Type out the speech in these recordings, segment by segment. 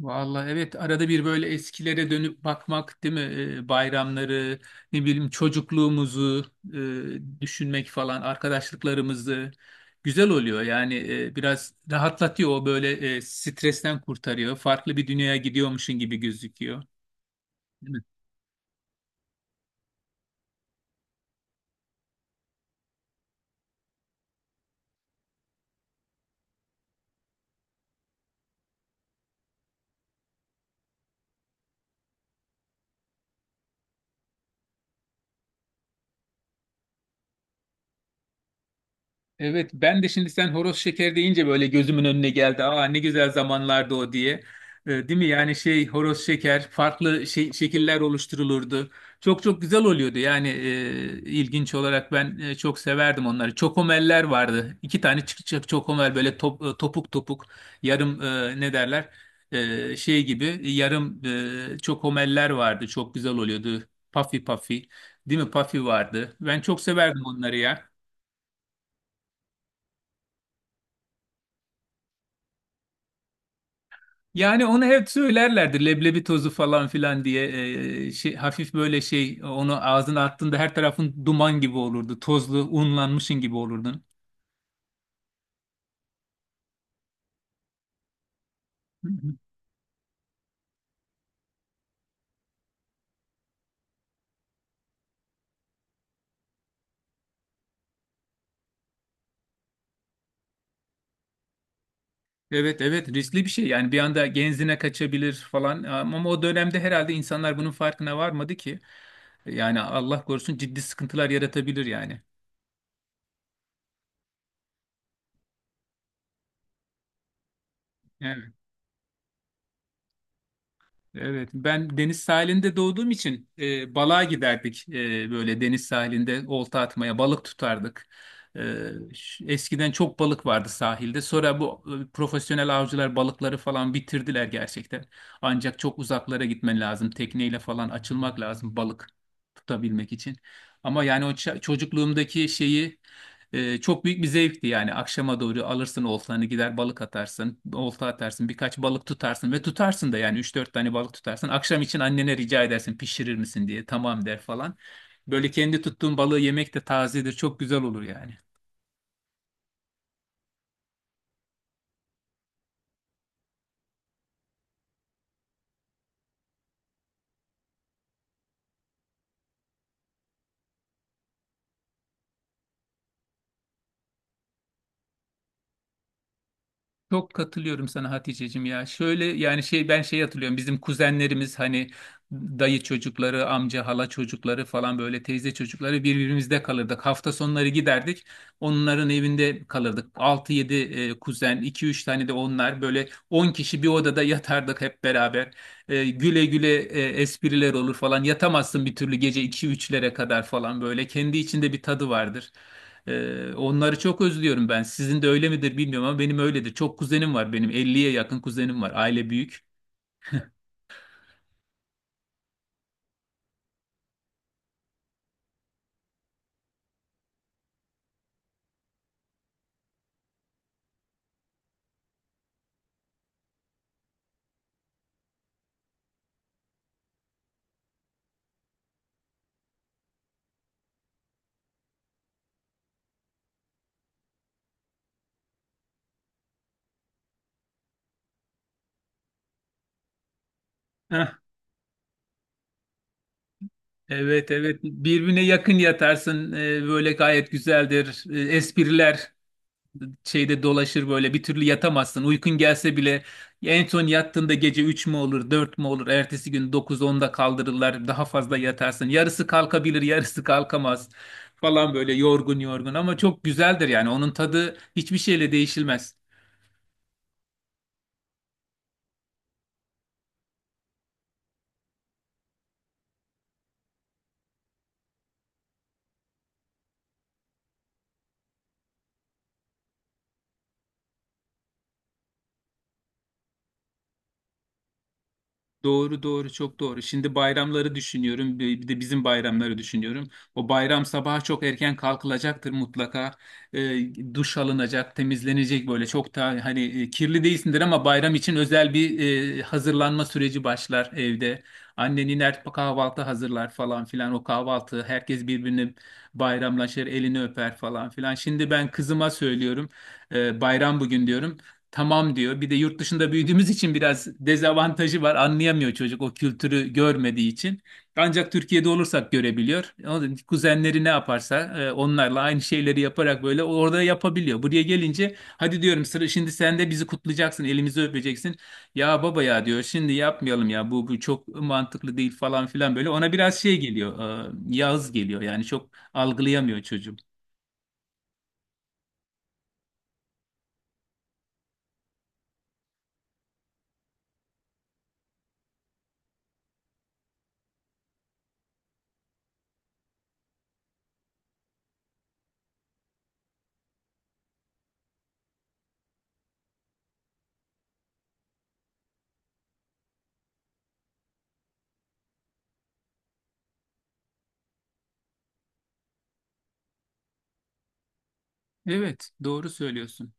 Vallahi evet arada bir böyle eskilere dönüp bakmak değil mi? Bayramları, ne bileyim çocukluğumuzu düşünmek falan, arkadaşlıklarımızı güzel oluyor. Yani biraz rahatlatıyor o böyle, stresten kurtarıyor. Farklı bir dünyaya gidiyormuşsun gibi gözüküyor. Evet, ben de şimdi sen horoz şeker deyince böyle gözümün önüne geldi. Aa, ne güzel zamanlardı o diye. Değil mi? Yani şey, horoz şeker farklı şey, şekiller oluşturulurdu. Çok çok güzel oluyordu. Yani ilginç olarak ben çok severdim onları. Çokomeller vardı. İki tane çıkacak çokomel böyle topuk topuk yarım, ne derler? Şey gibi yarım çokomeller vardı. Çok güzel oluyordu. Puffy puffy. Değil mi? Puffy vardı. Ben çok severdim onları ya. Yani onu hep söylerlerdi, leblebi tozu falan filan diye. Şey, hafif böyle şey, onu ağzına attığında her tarafın duman gibi olurdu. Tozlu unlanmışın gibi olurdun. Hı hı. Evet evet, riskli bir şey yani, bir anda genzine kaçabilir falan ama o dönemde herhalde insanlar bunun farkına varmadı ki. Yani Allah korusun, ciddi sıkıntılar yaratabilir yani. Evet, ben deniz sahilinde doğduğum için balığa giderdik. Böyle deniz sahilinde olta atmaya, balık tutardık. E, Eskiden çok balık vardı sahilde. Sonra bu profesyonel avcılar balıkları falan bitirdiler gerçekten. Ancak çok uzaklara gitmen lazım. Tekneyle falan açılmak lazım balık tutabilmek için. Ama yani o çocukluğumdaki şeyi, çok büyük bir zevkti. Yani akşama doğru alırsın oltanı, gider balık atarsın, olta atarsın, birkaç balık tutarsın ve tutarsın da. Yani üç dört tane balık tutarsın akşam için, annene rica edersin pişirir misin diye, tamam der falan. Böyle kendi tuttuğun balığı yemek de tazedir, çok güzel olur yani. Çok katılıyorum sana Haticeciğim ya. Şöyle yani şey, ben şey hatırlıyorum. Bizim kuzenlerimiz hani dayı çocukları, amca, hala çocukları falan, böyle teyze çocukları, birbirimizde kalırdık. Hafta sonları giderdik. Onların evinde kalırdık. Altı yedi kuzen, iki üç tane de onlar, böyle 10 kişi bir odada yatardık hep beraber. Güle güle espriler olur falan. Yatamazsın bir türlü, gece iki üçlere kadar falan böyle. Kendi içinde bir tadı vardır. Onları çok özlüyorum ben. Sizin de öyle midir bilmiyorum ama benim öyledir. Çok kuzenim var benim. Elliye yakın kuzenim var. Aile büyük. Heh, evet evet. Birbirine yakın yatarsın. Böyle gayet güzeldir. Espriler şeyde dolaşır böyle. Bir türlü yatamazsın. Uykun gelse bile en son yattığında gece 3 mü olur, 4 mü olur? Ertesi gün dokuz onda kaldırırlar. Daha fazla yatarsın. Yarısı kalkabilir, yarısı kalkamaz falan, böyle yorgun yorgun, ama çok güzeldir yani. Onun tadı hiçbir şeyle değişilmez. Doğru doğru, çok doğru. Şimdi bayramları düşünüyorum. Bir de bizim bayramları düşünüyorum. O bayram sabahı çok erken kalkılacaktır mutlaka. Duş alınacak, temizlenecek, böyle çok da hani kirli değilsindir ama bayram için özel bir hazırlanma süreci başlar evde. Annen iner, kahvaltı hazırlar falan filan. O kahvaltı herkes birbirini bayramlaşır, elini öper falan filan. Şimdi ben kızıma söylüyorum. Bayram bugün diyorum. Tamam diyor. Bir de yurt dışında büyüdüğümüz için biraz dezavantajı var. Anlayamıyor çocuk o kültürü görmediği için. Ancak Türkiye'de olursak görebiliyor. Onun kuzenleri ne yaparsa, onlarla aynı şeyleri yaparak böyle orada yapabiliyor. Buraya gelince hadi diyorum, sıra şimdi sen de bizi kutlayacaksın, elimizi öpeceksin. Ya baba ya diyor, şimdi yapmayalım ya, bu çok mantıklı değil falan filan böyle. Ona biraz şey geliyor, yağız geliyor yani, çok algılayamıyor çocuğum. Evet, doğru söylüyorsun.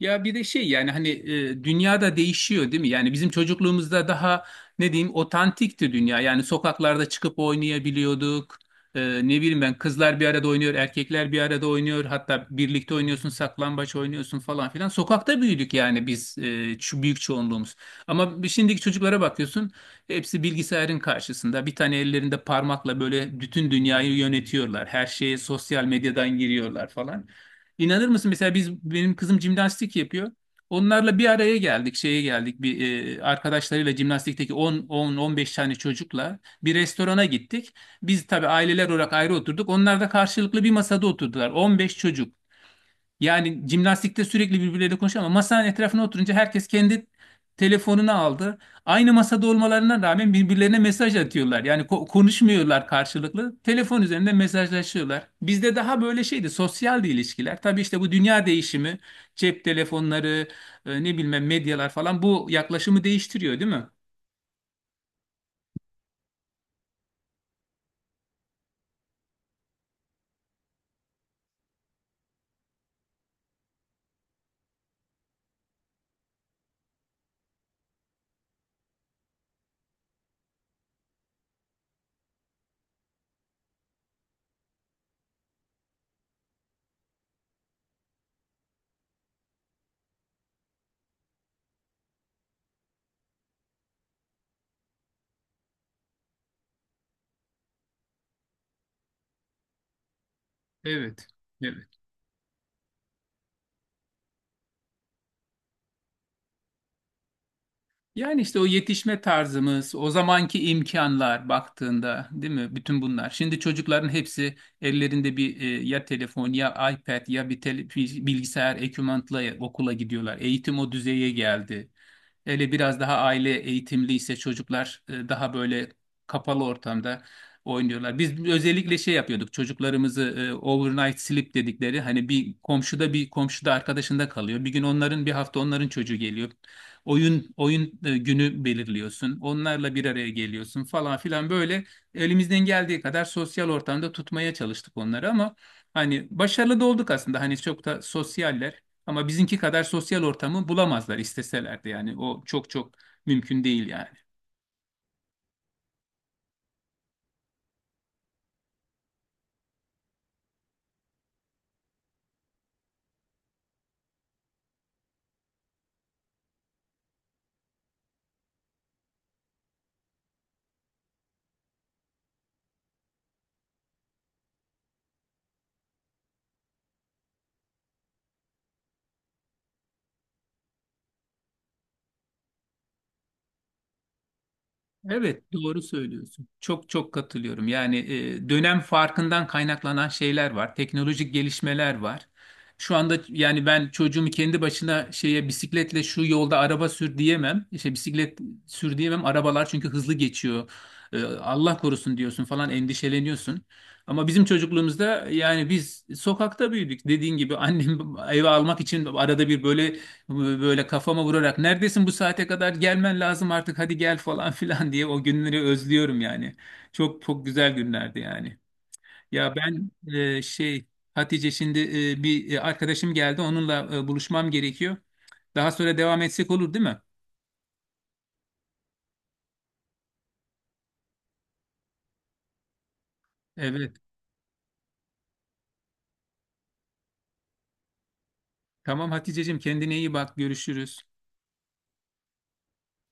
Ya bir de şey, yani hani dünyada değişiyor değil mi? Yani bizim çocukluğumuzda daha ne diyeyim, otantikti dünya. Yani sokaklarda çıkıp oynayabiliyorduk. E, Ne bileyim ben, kızlar bir arada oynuyor, erkekler bir arada oynuyor. Hatta birlikte oynuyorsun, saklambaç oynuyorsun falan filan. Sokakta büyüdük yani biz, şu büyük çoğunluğumuz. Ama şimdiki çocuklara bakıyorsun, hepsi bilgisayarın karşısında. Bir tane ellerinde parmakla böyle bütün dünyayı yönetiyorlar. Her şeye sosyal medyadan giriyorlar falan. İnanır mısın mesela, biz, benim kızım jimnastik yapıyor. Onlarla bir araya geldik, şeye geldik bir arkadaşlarıyla jimnastikteki 10 15 tane çocukla bir restorana gittik. Biz tabii aileler olarak ayrı oturduk. Onlar da karşılıklı bir masada oturdular. 15 çocuk. Yani jimnastikte sürekli birbirleriyle konuşuyor ama masanın etrafına oturunca herkes kendi telefonunu aldı. Aynı masada olmalarına rağmen birbirlerine mesaj atıyorlar. Yani konuşmuyorlar karşılıklı. Telefon üzerinde mesajlaşıyorlar. Bizde daha böyle şeydi, sosyaldi ilişkiler. Tabii işte bu dünya değişimi, cep telefonları, ne bilmem medyalar falan, bu yaklaşımı değiştiriyor, değil mi? Evet. Evet. Yani işte o yetişme tarzımız, o zamanki imkanlar baktığında, değil mi? Bütün bunlar. Şimdi çocukların hepsi ellerinde bir ya telefon, ya iPad, ya bir bilgisayar ekipmanla okula gidiyorlar. Eğitim o düzeye geldi. Hele biraz daha aile eğitimli ise, çocuklar daha böyle kapalı ortamda oynuyorlar. Biz özellikle şey yapıyorduk. Çocuklarımızı overnight sleep dedikleri, hani bir komşuda arkadaşında kalıyor. Bir gün onların, bir hafta onların çocuğu geliyor, oyun günü belirliyorsun. Onlarla bir araya geliyorsun falan filan böyle, elimizden geldiği kadar sosyal ortamda tutmaya çalıştık onları, ama hani başarılı da olduk aslında. Hani çok da sosyaller ama bizimki kadar sosyal ortamı bulamazlar isteselerdi. Yani o çok çok mümkün değil yani. Evet, doğru söylüyorsun. Çok çok katılıyorum. Yani dönem farkından kaynaklanan şeyler var. Teknolojik gelişmeler var. Şu anda yani ben çocuğumu kendi başına şeye, bisikletle şu yolda araba sür diyemem. İşte bisiklet sür diyemem. Arabalar çünkü hızlı geçiyor. Allah korusun diyorsun falan, endişeleniyorsun. Ama bizim çocukluğumuzda yani biz sokakta büyüdük. Dediğin gibi annem eve almak için arada bir böyle, böyle kafama vurarak, neredesin, bu saate kadar gelmen lazım artık, hadi gel falan filan diye, o günleri özlüyorum yani. Çok çok güzel günlerdi yani. Ya ben şey, Hatice, şimdi bir arkadaşım geldi, onunla buluşmam gerekiyor. Daha sonra devam etsek olur değil mi? Evet. Tamam Haticeciğim, kendine iyi bak, görüşürüz.